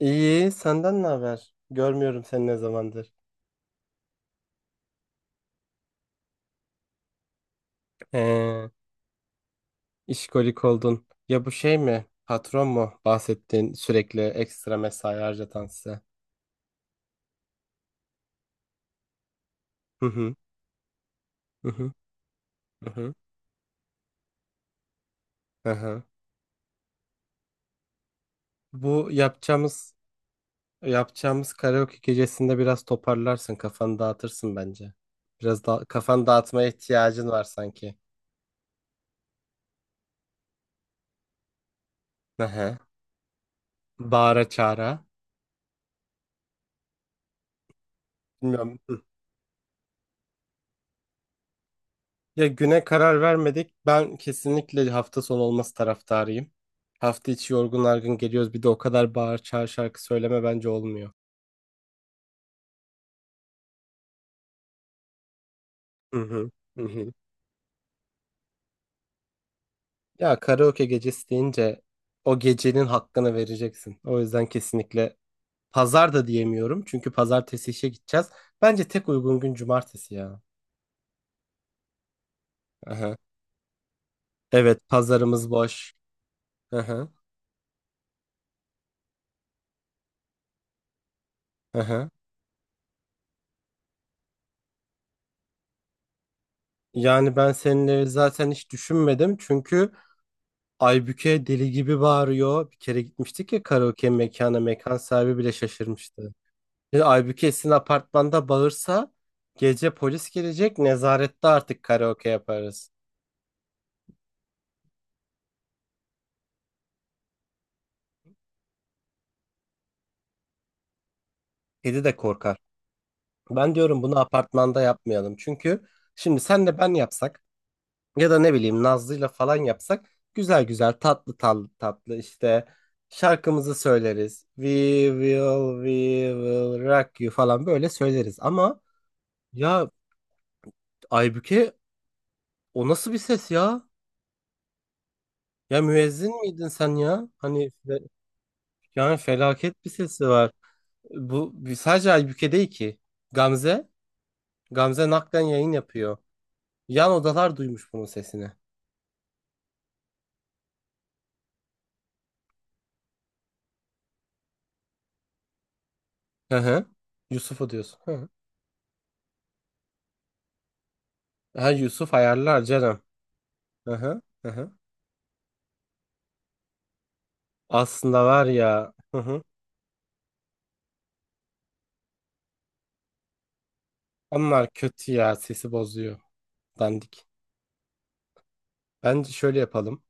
İyi, senden ne haber? Görmüyorum seni ne zamandır. He, işkolik oldun. Ya bu şey mi? Patron mu? Bahsettiğin sürekli ekstra mesai harcatan size. Hı hı, hı hı, hı hı. Hı hı. Bu yapacağımız karaoke gecesinde biraz toparlarsın, kafanı dağıtırsın bence. Biraz da kafanı dağıtmaya ihtiyacın var sanki. Hı hı. Bağıra çağıra. Bilmiyorum. Ya güne karar vermedik. Ben kesinlikle hafta sonu olması taraftarıyım. Hafta içi yorgun argın geliyoruz. Bir de o kadar bağır çağır şarkı söyleme bence olmuyor. Hı hı. Hı hı. Ya karaoke gecesi deyince o gecenin hakkını vereceksin. O yüzden kesinlikle pazar da diyemiyorum. Çünkü pazartesi işe gideceğiz. Bence tek uygun gün cumartesi ya. Aha. Evet, pazarımız boş. Aha. Aha. Yani ben seninle zaten hiç düşünmedim. Çünkü Aybüke deli gibi bağırıyor. Bir kere gitmiştik ya karaoke mekana. Mekan sahibi bile şaşırmıştı. Şimdi Aybüke sizin apartmanda bağırsa gece polis gelecek, nezarette artık karaoke yaparız. Kedi de korkar. Ben diyorum bunu apartmanda yapmayalım. Çünkü şimdi senle ben yapsak ya da ne bileyim Nazlı'yla falan yapsak güzel güzel tatlı tatlı tatlı işte şarkımızı söyleriz. We will, we will rock you falan böyle söyleriz ama ya Aybüke... O nasıl bir ses ya? Ya müezzin miydin sen ya? Yani felaket bir sesi var. Sadece Aybüke değil ki. Gamze, Gamze naklen yayın yapıyor. Yan odalar duymuş bunun sesini. Hı hı. Yusuf'u diyorsun. Hı hı. Ha, Yusuf ayarlar canım. Hı hı. Hı hı. Aslında var ya. Hı hı. Onlar kötü ya, sesi bozuyor. Dandik. Bence şöyle yapalım.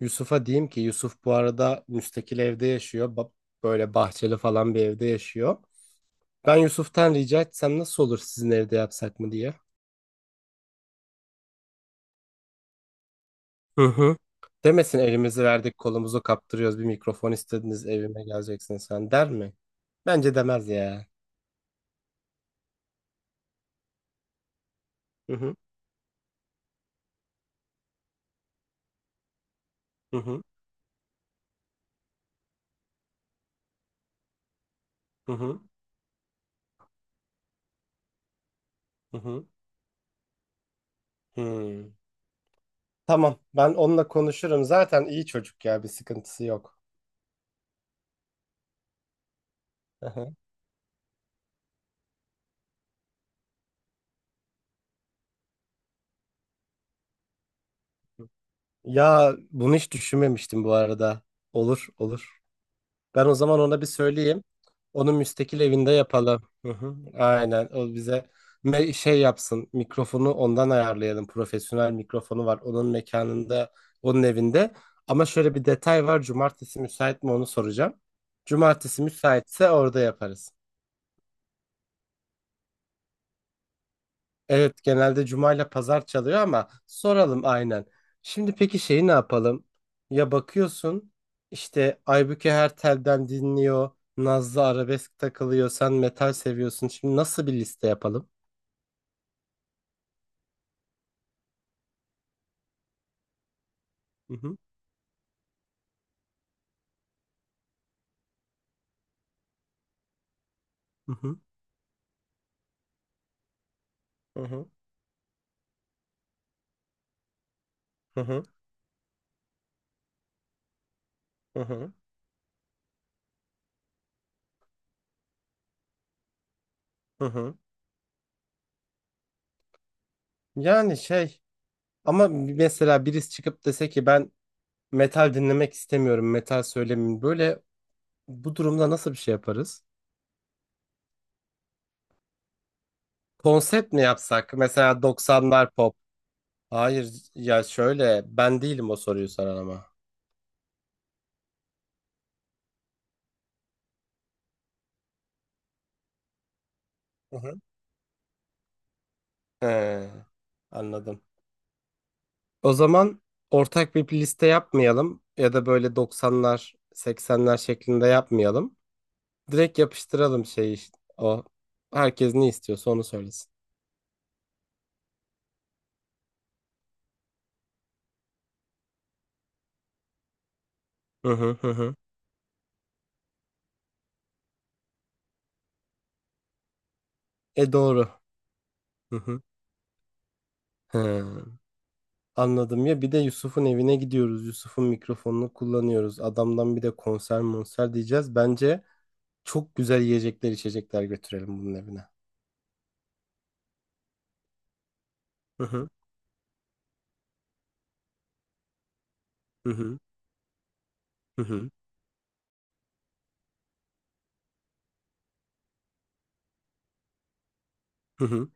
Yusuf'a diyeyim ki Yusuf bu arada müstakil evde yaşıyor. Böyle bahçeli falan bir evde yaşıyor. Ben Yusuf'tan rica etsem nasıl olur sizin evde yapsak mı diye. Hı hı. Demesin elimizi verdik kolumuzu kaptırıyoruz, bir mikrofon istediniz evime geleceksin sen der mi? Bence demez ya. Hı hı hı hı hı hı. Hı hı. Hmm. Tamam, ben onunla konuşurum zaten iyi çocuk ya bir sıkıntısı yok. Hı hı. Ya bunu hiç düşünmemiştim bu arada. Olur olur. Ben o zaman ona bir söyleyeyim. Onu müstakil evinde yapalım. Hı hı. Aynen. O bize şey yapsın. Mikrofonu ondan ayarlayalım. Profesyonel mikrofonu var. Onun mekanında, onun evinde. Ama şöyle bir detay var. Cumartesi müsait mi onu soracağım. Cumartesi müsaitse orada yaparız. Evet, genelde cuma ile pazar çalıyor ama soralım aynen. Şimdi peki şeyi ne yapalım? Ya bakıyorsun işte Aybüke her telden dinliyor. Nazlı arabesk takılıyor. Sen metal seviyorsun. Şimdi nasıl bir liste yapalım? Hı hı hı hı hı hı hı hı hı hı. Hı hı. Yani şey ama mesela birisi çıkıp dese ki ben metal dinlemek istemiyorum. Metal söylemeyin. Böyle bu durumda nasıl bir şey yaparız? Konsept mi yapsak? Mesela 90'lar pop. Hayır ya şöyle ben değilim o soruyu soran ama. Hı hı. He, anladım. O zaman ortak bir liste yapmayalım ya da böyle 90'lar, 80'ler şeklinde yapmayalım. Direkt yapıştıralım şey işte o. Herkes ne istiyorsa onu söylesin. Hı hı hı hı. E doğru. Hı hı. He, anladım ya bir de Yusuf'un evine gidiyoruz. Yusuf'un mikrofonunu kullanıyoruz. Adamdan bir de konser monser diyeceğiz. Bence çok güzel yiyecekler içecekler götürelim bunun evine. Hı hı. Hı hı, hı hı, hı hı,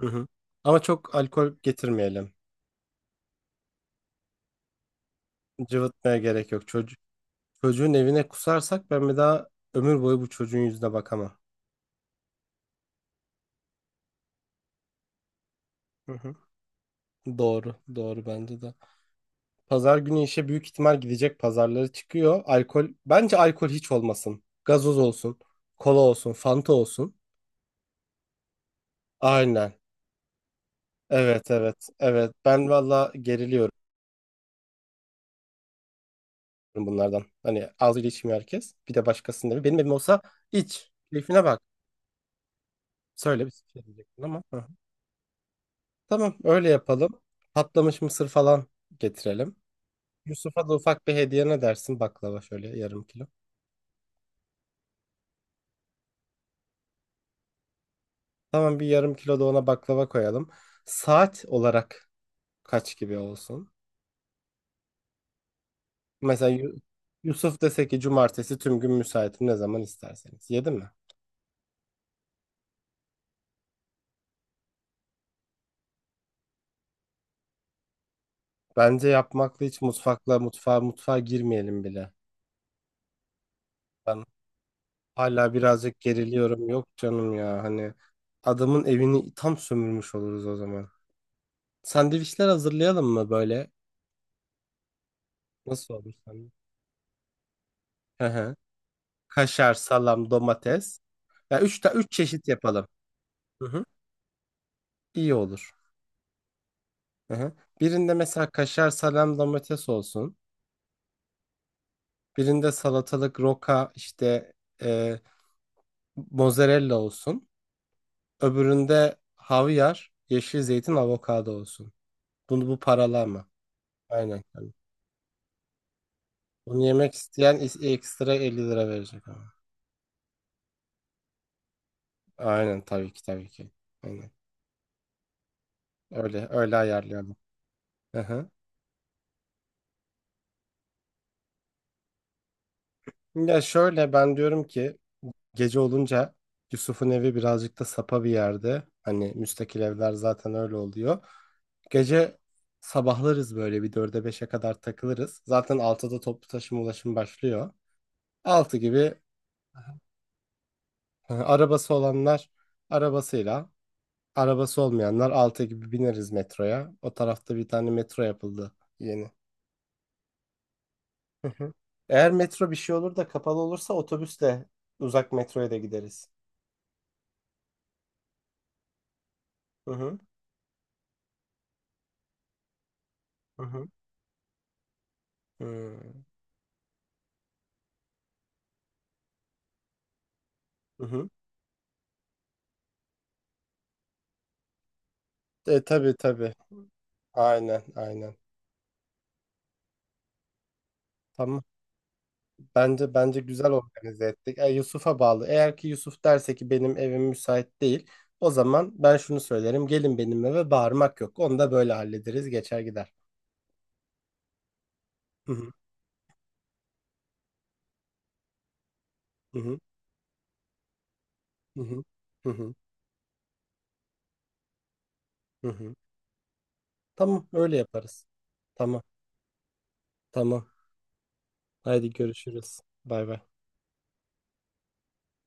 hı hı. Ama çok alkol getirmeyelim. Cıvıtmaya gerek yok. Çocuğun evine kusarsak ben bir daha ömür boyu bu çocuğun yüzüne bakamam. Hı hı. Doğru, doğru bence de. Pazar günü işe büyük ihtimal gidecek. Pazarları çıkıyor. Alkol, bence alkol hiç olmasın. Gazoz olsun, kola olsun, fanta olsun. Aynen. Evet, evet, evet. Ben valla geriliyorum bunlardan. Hani ağzıyla içmiyor herkes. Bir de başkasının evi. Benim evim olsa iç. Keyfine bak. Söyle bir şey diyecektin ama. Hı. Hı. Tamam, öyle yapalım. Patlamış mısır falan getirelim. Yusuf'a da ufak bir hediye ne dersin? Baklava şöyle yarım kilo. Tamam, bir yarım kilo da ona baklava koyalım. Saat olarak kaç gibi olsun? Mesela Yu- Yusuf dese ki cumartesi tüm gün müsaitim ne zaman isterseniz. Yedi mi? Bence yapmakla hiç mutfakla mutfağa girmeyelim bile. Ben hala birazcık geriliyorum. Yok canım ya hani adamın evini tam sömürmüş oluruz o zaman. Sandviçler hazırlayalım mı böyle? Nasıl olur sandviç? Hı hı. Kaşar, salam, domates. Ya üç, ta üç çeşit yapalım. Hı hı. İyi olur. Hı hı. Birinde mesela kaşar, salam, domates olsun. Birinde salatalık, roka, işte e, mozzarella olsun. Öbüründe havyar, yeşil zeytin, avokado olsun. Bunu bu paralama. Aynen. Bunu yemek isteyen ekstra 50 TL verecek ama. Aynen tabii ki tabii ki. Aynen. Öyle öyle ayarlayalım. Aha. Ya şöyle ben diyorum ki gece olunca Yusuf'un evi birazcık da sapa bir yerde. Hani müstakil evler zaten öyle oluyor. Gece sabahlarız böyle bir dörde beşe kadar takılırız. Zaten 6'da toplu taşıma ulaşım başlıyor. 6 gibi arabası olanlar arabasıyla, arabası olmayanlar 6 gibi bineriz metroya. O tarafta bir tane metro yapıldı yeni. Hı hı. Eğer metro bir şey olur da kapalı olursa otobüsle uzak metroya da gideriz. Hı hı. Hı hı. Hmm. Hı hı. E tabii tabii. Aynen aynen. Tamam. Bence güzel organize ettik. Yusuf'a bağlı. Eğer ki Yusuf derse ki benim evim müsait değil, o zaman ben şunu söylerim. Gelin benim eve, bağırmak yok. Onu da böyle hallederiz, geçer gider. Hı hı. Hı hı. Hı hı. Hı hı. Hı hı. Tamam, öyle yaparız. Tamam. Tamam. Haydi görüşürüz. Bay bay.